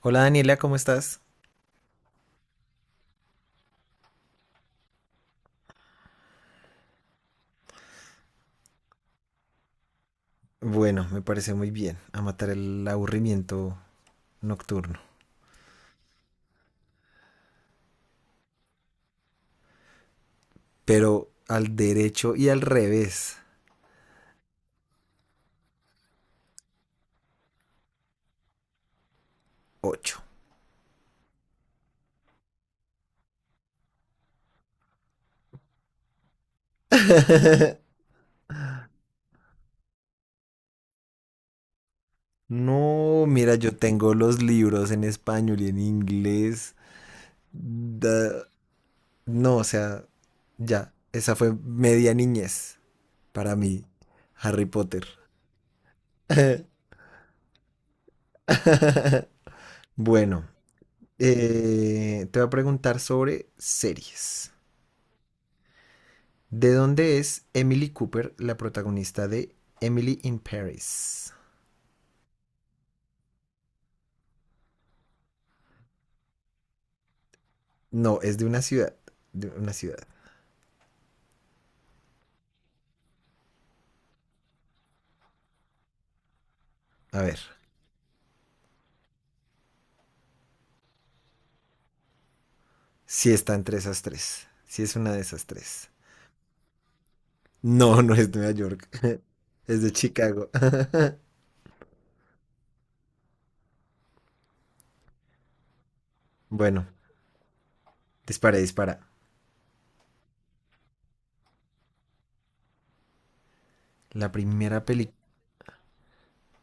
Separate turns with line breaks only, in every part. Hola Daniela, ¿cómo estás? Bueno, me parece muy bien a matar el aburrimiento nocturno, pero al derecho y al revés, ocho. No, mira, yo tengo los libros en español y en inglés. Da- no, o sea, ya, esa fue media niñez para mí, Harry Potter. Bueno, te voy a preguntar sobre series. ¿De dónde es Emily Cooper, la protagonista de Emily in Paris? No, es de una ciudad. De una ciudad. A ver, si sí está entre esas tres. Si sí es una de esas tres. No, no es de Nueva York. Es de Chicago. Bueno, dispara, dispara. La primera película.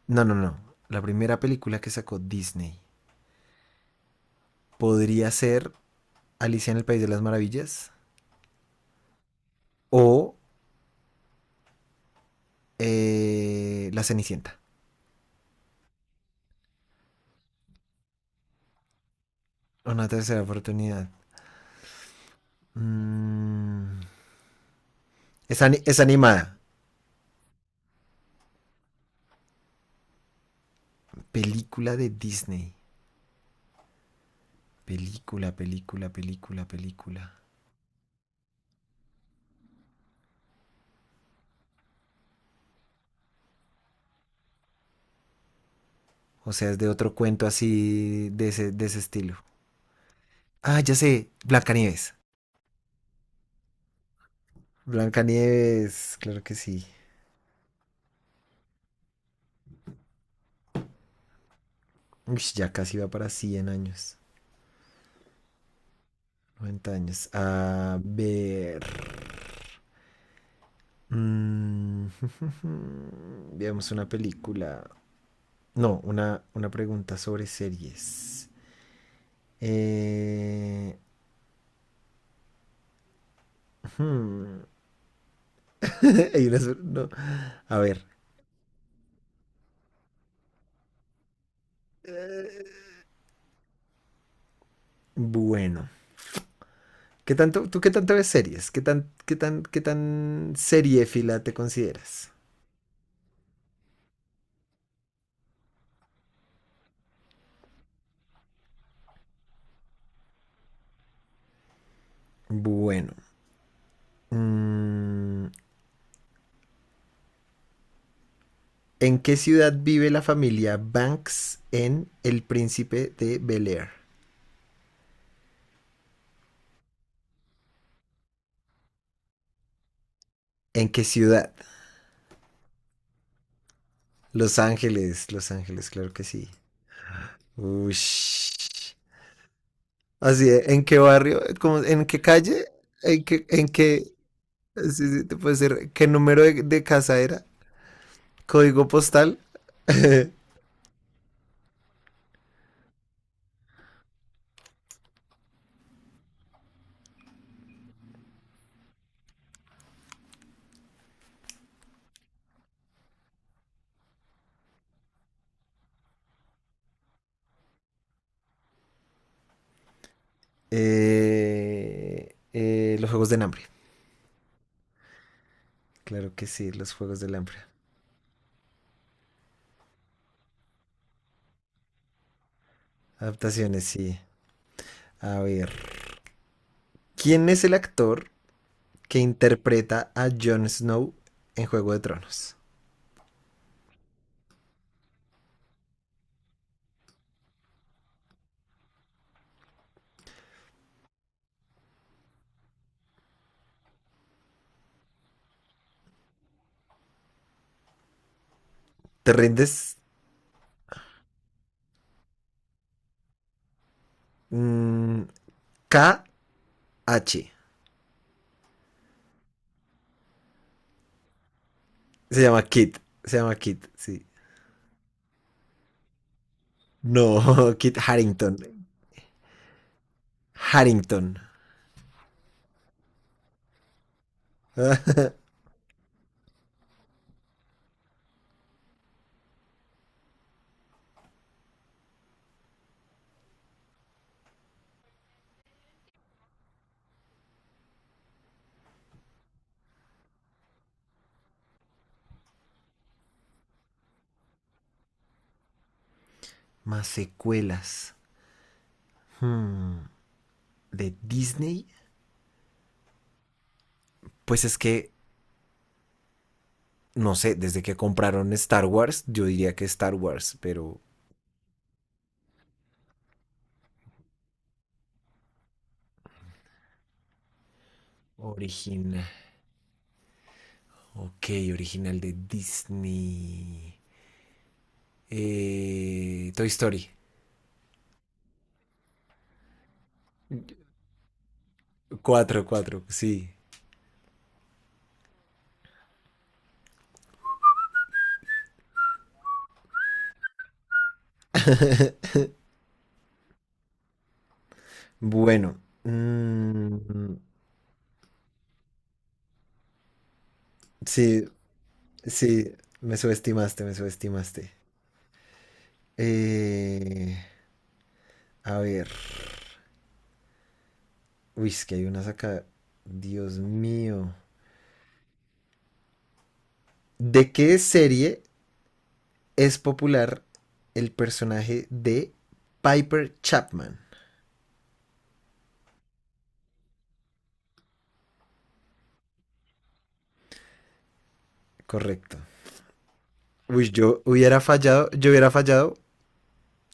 No, no, no. La primera película que sacó Disney podría ser Alicia en el País de las Maravillas o La Cenicienta. Una tercera oportunidad. Mm. Es, es animada. Película de Disney. Película, película, película, película. O sea, es de otro cuento así de ese estilo. Ah, ya sé. Blancanieves. Blancanieves, claro que sí. Uy, ya casi va para 100 años. 90 años. A ver. mm, Veamos una película. No, una pregunta sobre series. Eh, hmm, no, a ver. Bueno. ¿Tú qué tanto ves series? ¿Qué tan seriéfila te consideras? Bueno. mm, ¿En qué ciudad vive la familia Banks en El Príncipe de Bel Air? ¿En qué ciudad? Los Ángeles, Los Ángeles, claro que sí. Ush. Así, ¿eh? ¿En qué barrio? ¿En qué calle? ¿En qué, en qué, sí, sí, te puede ser, ¿qué número de casa era? ¿Código postal? Los Juegos del Hambre. Claro que sí, los Juegos del Hambre. Adaptaciones, sí. A ver. ¿Quién es el actor que interpreta a Jon Snow en Juego de Tronos? ¿Te rindes? Mm, K.H. Se llama Kit. Se llama Kit, sí. No, Kit Harrington. Harrington. Más secuelas. Hmm, ¿De Disney? Pues es que, no sé, desde que compraron Star Wars, yo diría que Star Wars, pero original. Ok, original de Disney. Toy Story. Cuatro, cuatro, sí. Bueno. Sí, sí, me subestimaste, me subestimaste. Eh, a ver. Uy, es que hay unas acá. Dios mío. ¿De qué serie es popular el personaje de Piper Chapman? Correcto. Uy, yo hubiera fallado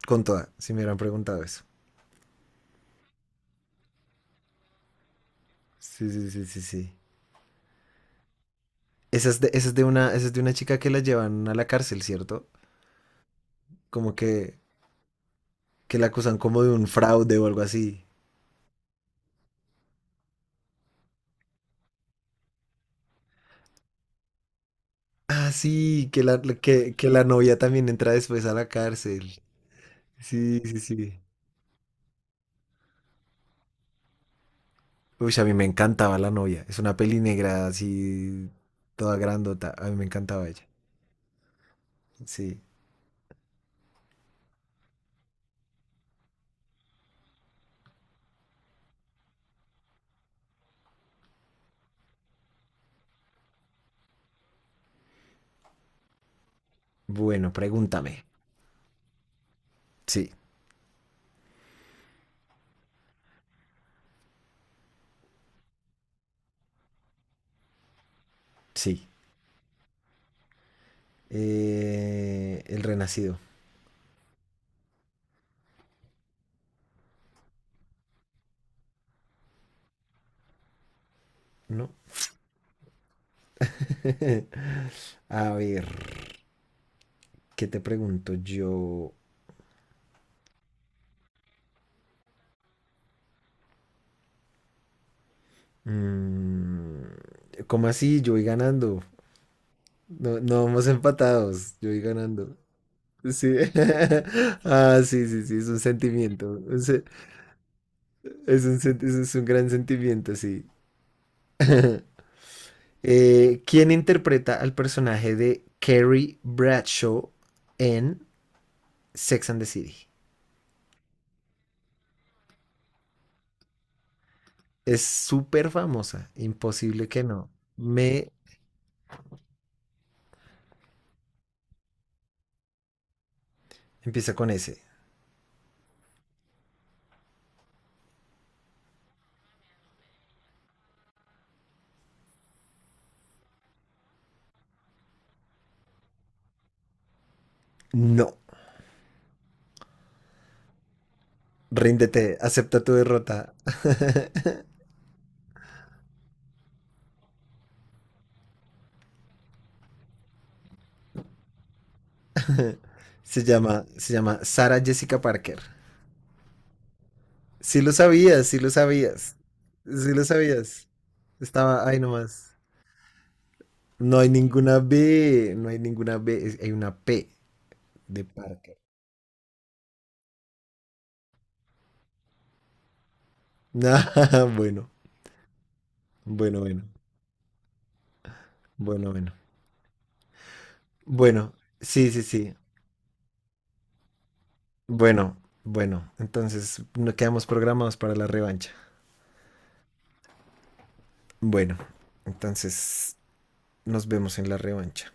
con toda, si me hubieran preguntado eso. Sí, sí, sí, sí, sí. Esa es de una chica que la llevan a la cárcel, ¿cierto? Como que la acusan como de un fraude o algo así. Ah, sí, que la, que la novia también entra después a la cárcel. Sí, sí, sí. Uy, a mí me encantaba la novia. Es una peli negra así, toda grandota. A mí me encantaba ella. Sí. Bueno, pregúntame. Sí, sí. El renacido, ¿no? A ver. ¿Qué te pregunto yo? Mm, ¿Cómo así? Yo voy ganando. No, no vamos empatados. Yo voy ganando. Sí. Ah, sí, sí, sí, es un sentimiento. Es un, es un gran sentimiento, sí. ¿Quién interpreta al personaje de Carrie Bradshaw en Sex and the City? Es súper famosa. Imposible que no. Me empieza con ese. No. Ríndete. Acepta tu derrota. Se llama Sara Jessica Parker. Sí lo sabías, sí lo sabías. Sí lo sabías. Estaba ahí nomás. No hay ninguna B, no hay ninguna B, hay una P de Parker. Ah, bueno, bueno, bueno, bueno, bueno. Bueno, sí, sí, sí. Bueno, bueno. Entonces, no quedamos programados para la revancha. Bueno, entonces nos vemos en la revancha.